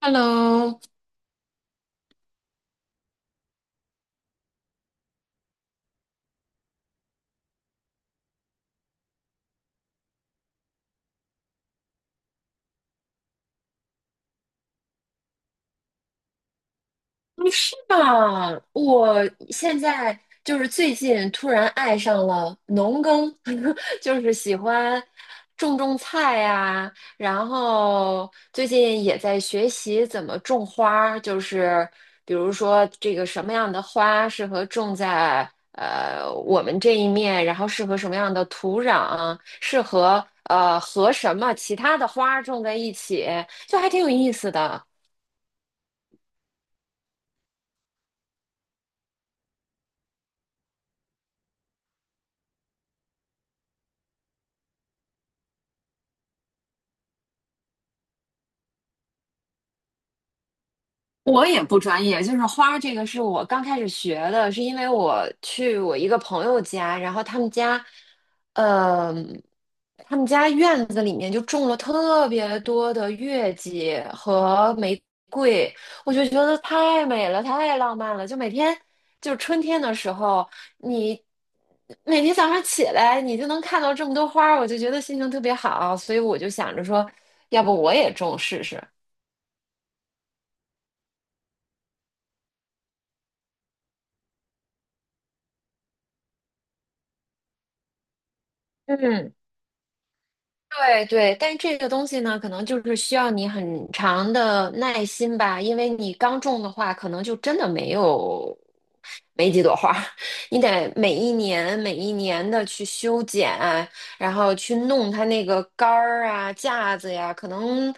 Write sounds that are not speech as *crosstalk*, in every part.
Hello。嗯，是吧？我现在就是最近突然爱上了农耕，*laughs* 就是喜欢种种菜呀、然后最近也在学习怎么种花儿，就是比如说这个什么样的花适合种在我们这一面，然后适合什么样的土壤，适合和什么其他的花儿种在一起，就还挺有意思的。我也不专业，就是花儿这个是我刚开始学的，是因为我去我一个朋友家，然后呃，他们家院子里面就种了特别多的月季和玫瑰，我就觉得太美了，太浪漫了，就每天就是春天的时候，你每天早上起来你就能看到这么多花儿，我就觉得心情特别好，所以我就想着说，要不我也种试试。嗯。对对，但这个东西呢，可能就是需要你很长的耐心吧，因为你刚种的话，可能就真的没有。没几朵花儿，你得每一年每一年的去修剪，然后去弄它那个杆儿啊、架子呀，可能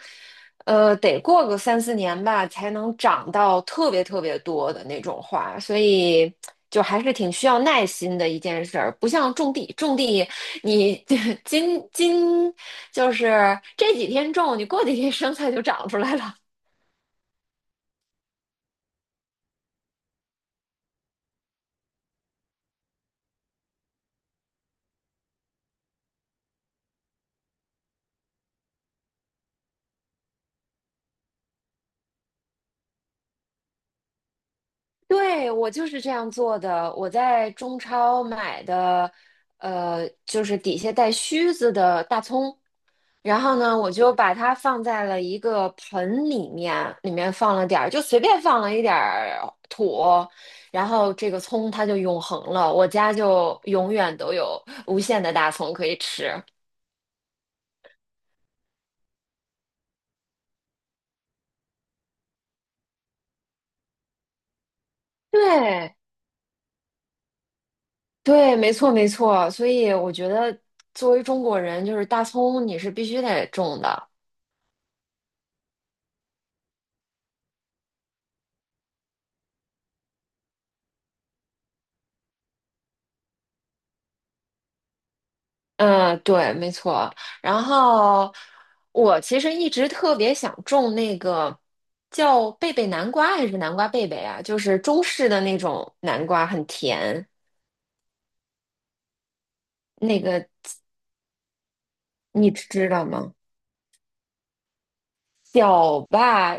得过个3、4年吧，才能长到特别特别多的那种花，所以就还是挺需要耐心的一件事儿，不像种地，种地你 *laughs* 今今就是这几天种，你过几天生菜就长出来了。对，我就是这样做的。我在中超买的，就是底下带须子的大葱，然后呢，我就把它放在了一个盆里面，里面放了点儿，就随便放了一点儿土，然后这个葱它就永恒了，我家就永远都有无限的大葱可以吃。对对，没错没错。所以我觉得，作为中国人，就是大葱你是必须得种的。嗯，对，没错。然后我其实一直特别想种那个叫贝贝南瓜还是南瓜贝贝啊，就是中式的那种南瓜，很甜。那个你知道吗？小吧，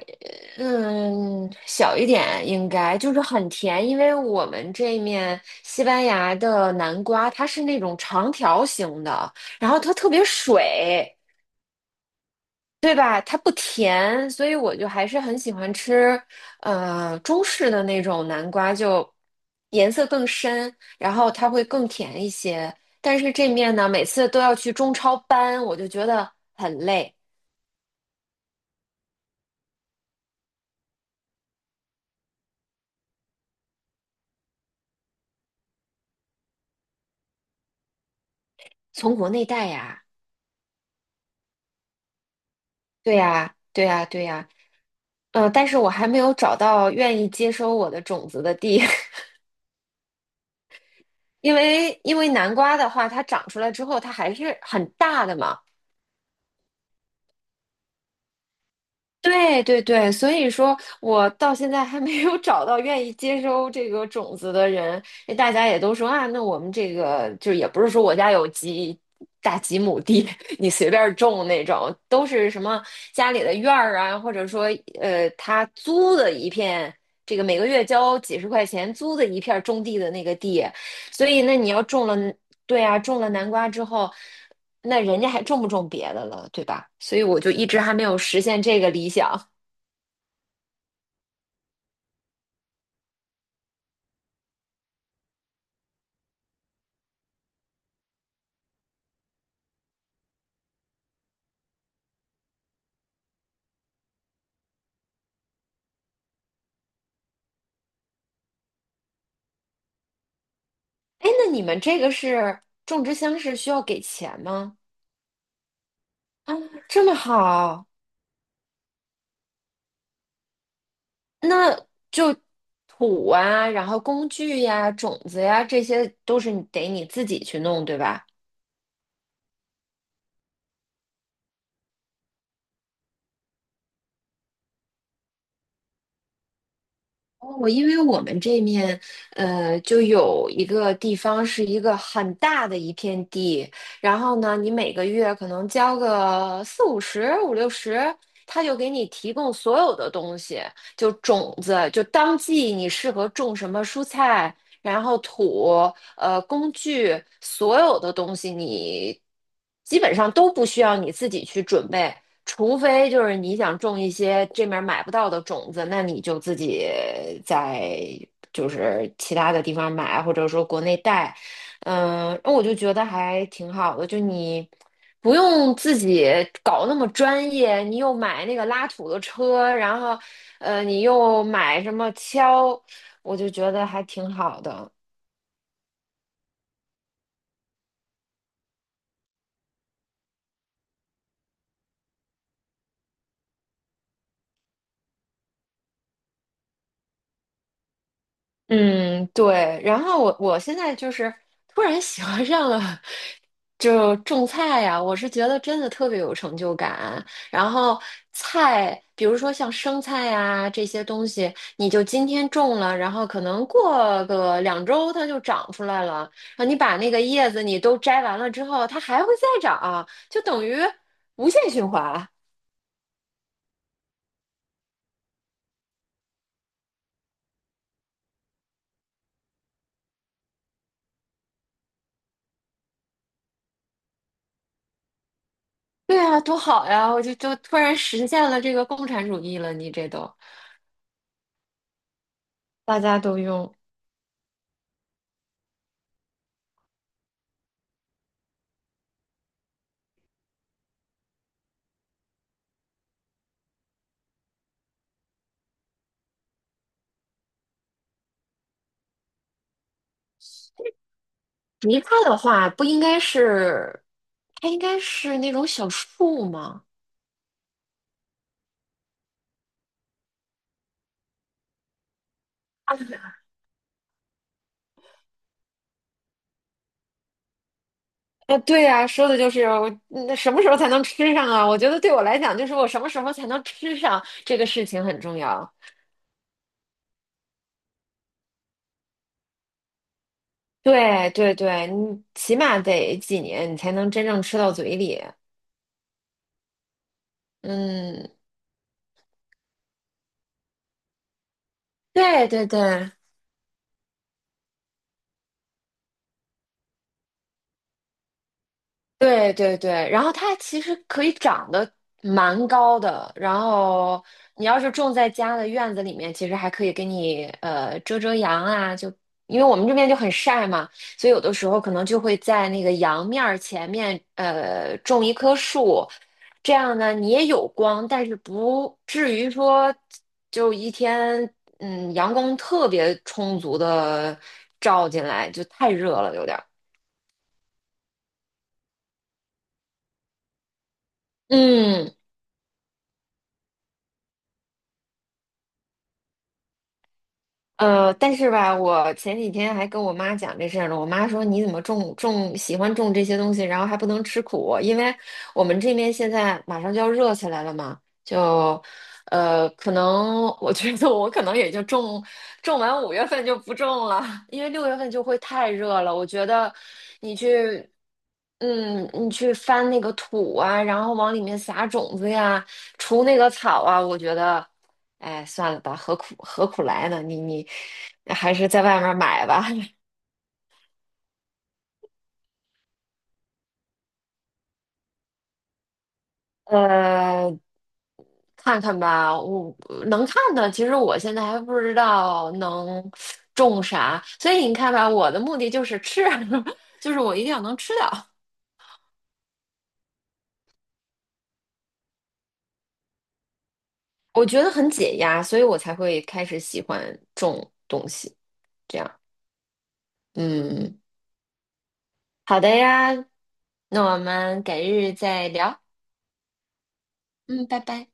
嗯，小一点应该就是很甜，因为我们这面西班牙的南瓜它是那种长条形的，然后它特别水。对吧？它不甜，所以我就还是很喜欢吃，中式的那种南瓜，就颜色更深，然后它会更甜一些。但是这面呢，每次都要去中超搬，我就觉得很累。从国内带呀，对呀，对呀，对呀，但是我还没有找到愿意接收我的种子的地，*laughs* 因为南瓜的话，它长出来之后，它还是很大的嘛。对对对，所以说我到现在还没有找到愿意接收这个种子的人，因为大家也都说啊，那我们这个就也不是说我家有几大几亩地，*laughs* 你随便种那种，都是什么家里的院儿啊，或者说他租的一片，这个每个月交几十块钱租的一片种地的那个地，所以那你要种了，对啊，种了南瓜之后。那人家还种不种别的了，对吧？所以我就一直还没有实现这个理想。哎，那你们这个是种植箱是需要给钱吗？啊，这么好，那就土啊，然后工具呀、种子呀，这些都是你得你自己去弄，对吧？哦，因为我们这面，就有一个地方是一个很大的一片地，然后呢，你每个月可能交个四五十、五六十，他就给你提供所有的东西，就种子，就当季你适合种什么蔬菜，然后土、工具，所有的东西你基本上都不需要你自己去准备，除非就是你想种一些这面买不到的种子，那你就自己在就是其他的地方买，或者说国内带。嗯，我就觉得还挺好的，就你不用自己搞那么专业，你又买那个拉土的车，然后你又买什么锹。我就觉得还挺好的。嗯，对。然后我现在就是突然喜欢上了，就种菜呀、我是觉得真的特别有成就感。然后菜，比如说像生菜呀、这些东西，你就今天种了，然后可能过个2周它就长出来了。然后你把那个叶子你都摘完了之后，它还会再长，就等于无限循环。对啊，多好呀！我就突然实现了这个共产主义了，你这都。大家都用。梨花的话，不应该是，它应该是那种小树吗？啊，对呀，说的就是我那什么时候才能吃上啊？我觉得对我来讲，就是我什么时候才能吃上这个事情很重要。对对对，你起码得几年，你才能真正吃到嘴里。嗯，对对对，对对对，然后它其实可以长得蛮高的，然后你要是种在家的院子里面，其实还可以给你遮遮阳啊，就因为我们这边就很晒嘛，所以有的时候可能就会在那个阳面儿前面种一棵树，这样呢你也有光，但是不至于说就一天阳光特别充足的照进来，就太热了有点儿，嗯但是吧，我前几天还跟我妈讲这事儿呢。我妈说："你怎么种喜欢种这些东西，然后还不能吃苦？因为我们这边现在马上就要热起来了嘛，就可能我觉得我可能也就种完5月份就不种了，因为6月份就会太热了。我觉得你去你去翻那个土啊，然后往里面撒种子呀，除那个草啊，我觉得，哎，算了吧，何苦何苦来呢？你还是在外面买吧。*laughs* 呃，看看吧，我能看的，其实我现在还不知道能种啥，所以你看吧，我的目的就是吃，*laughs* 就是我一定要能吃到，我觉得很解压，所以我才会开始喜欢种东西，这样，嗯。好的呀，那我们改日再聊。嗯，拜拜。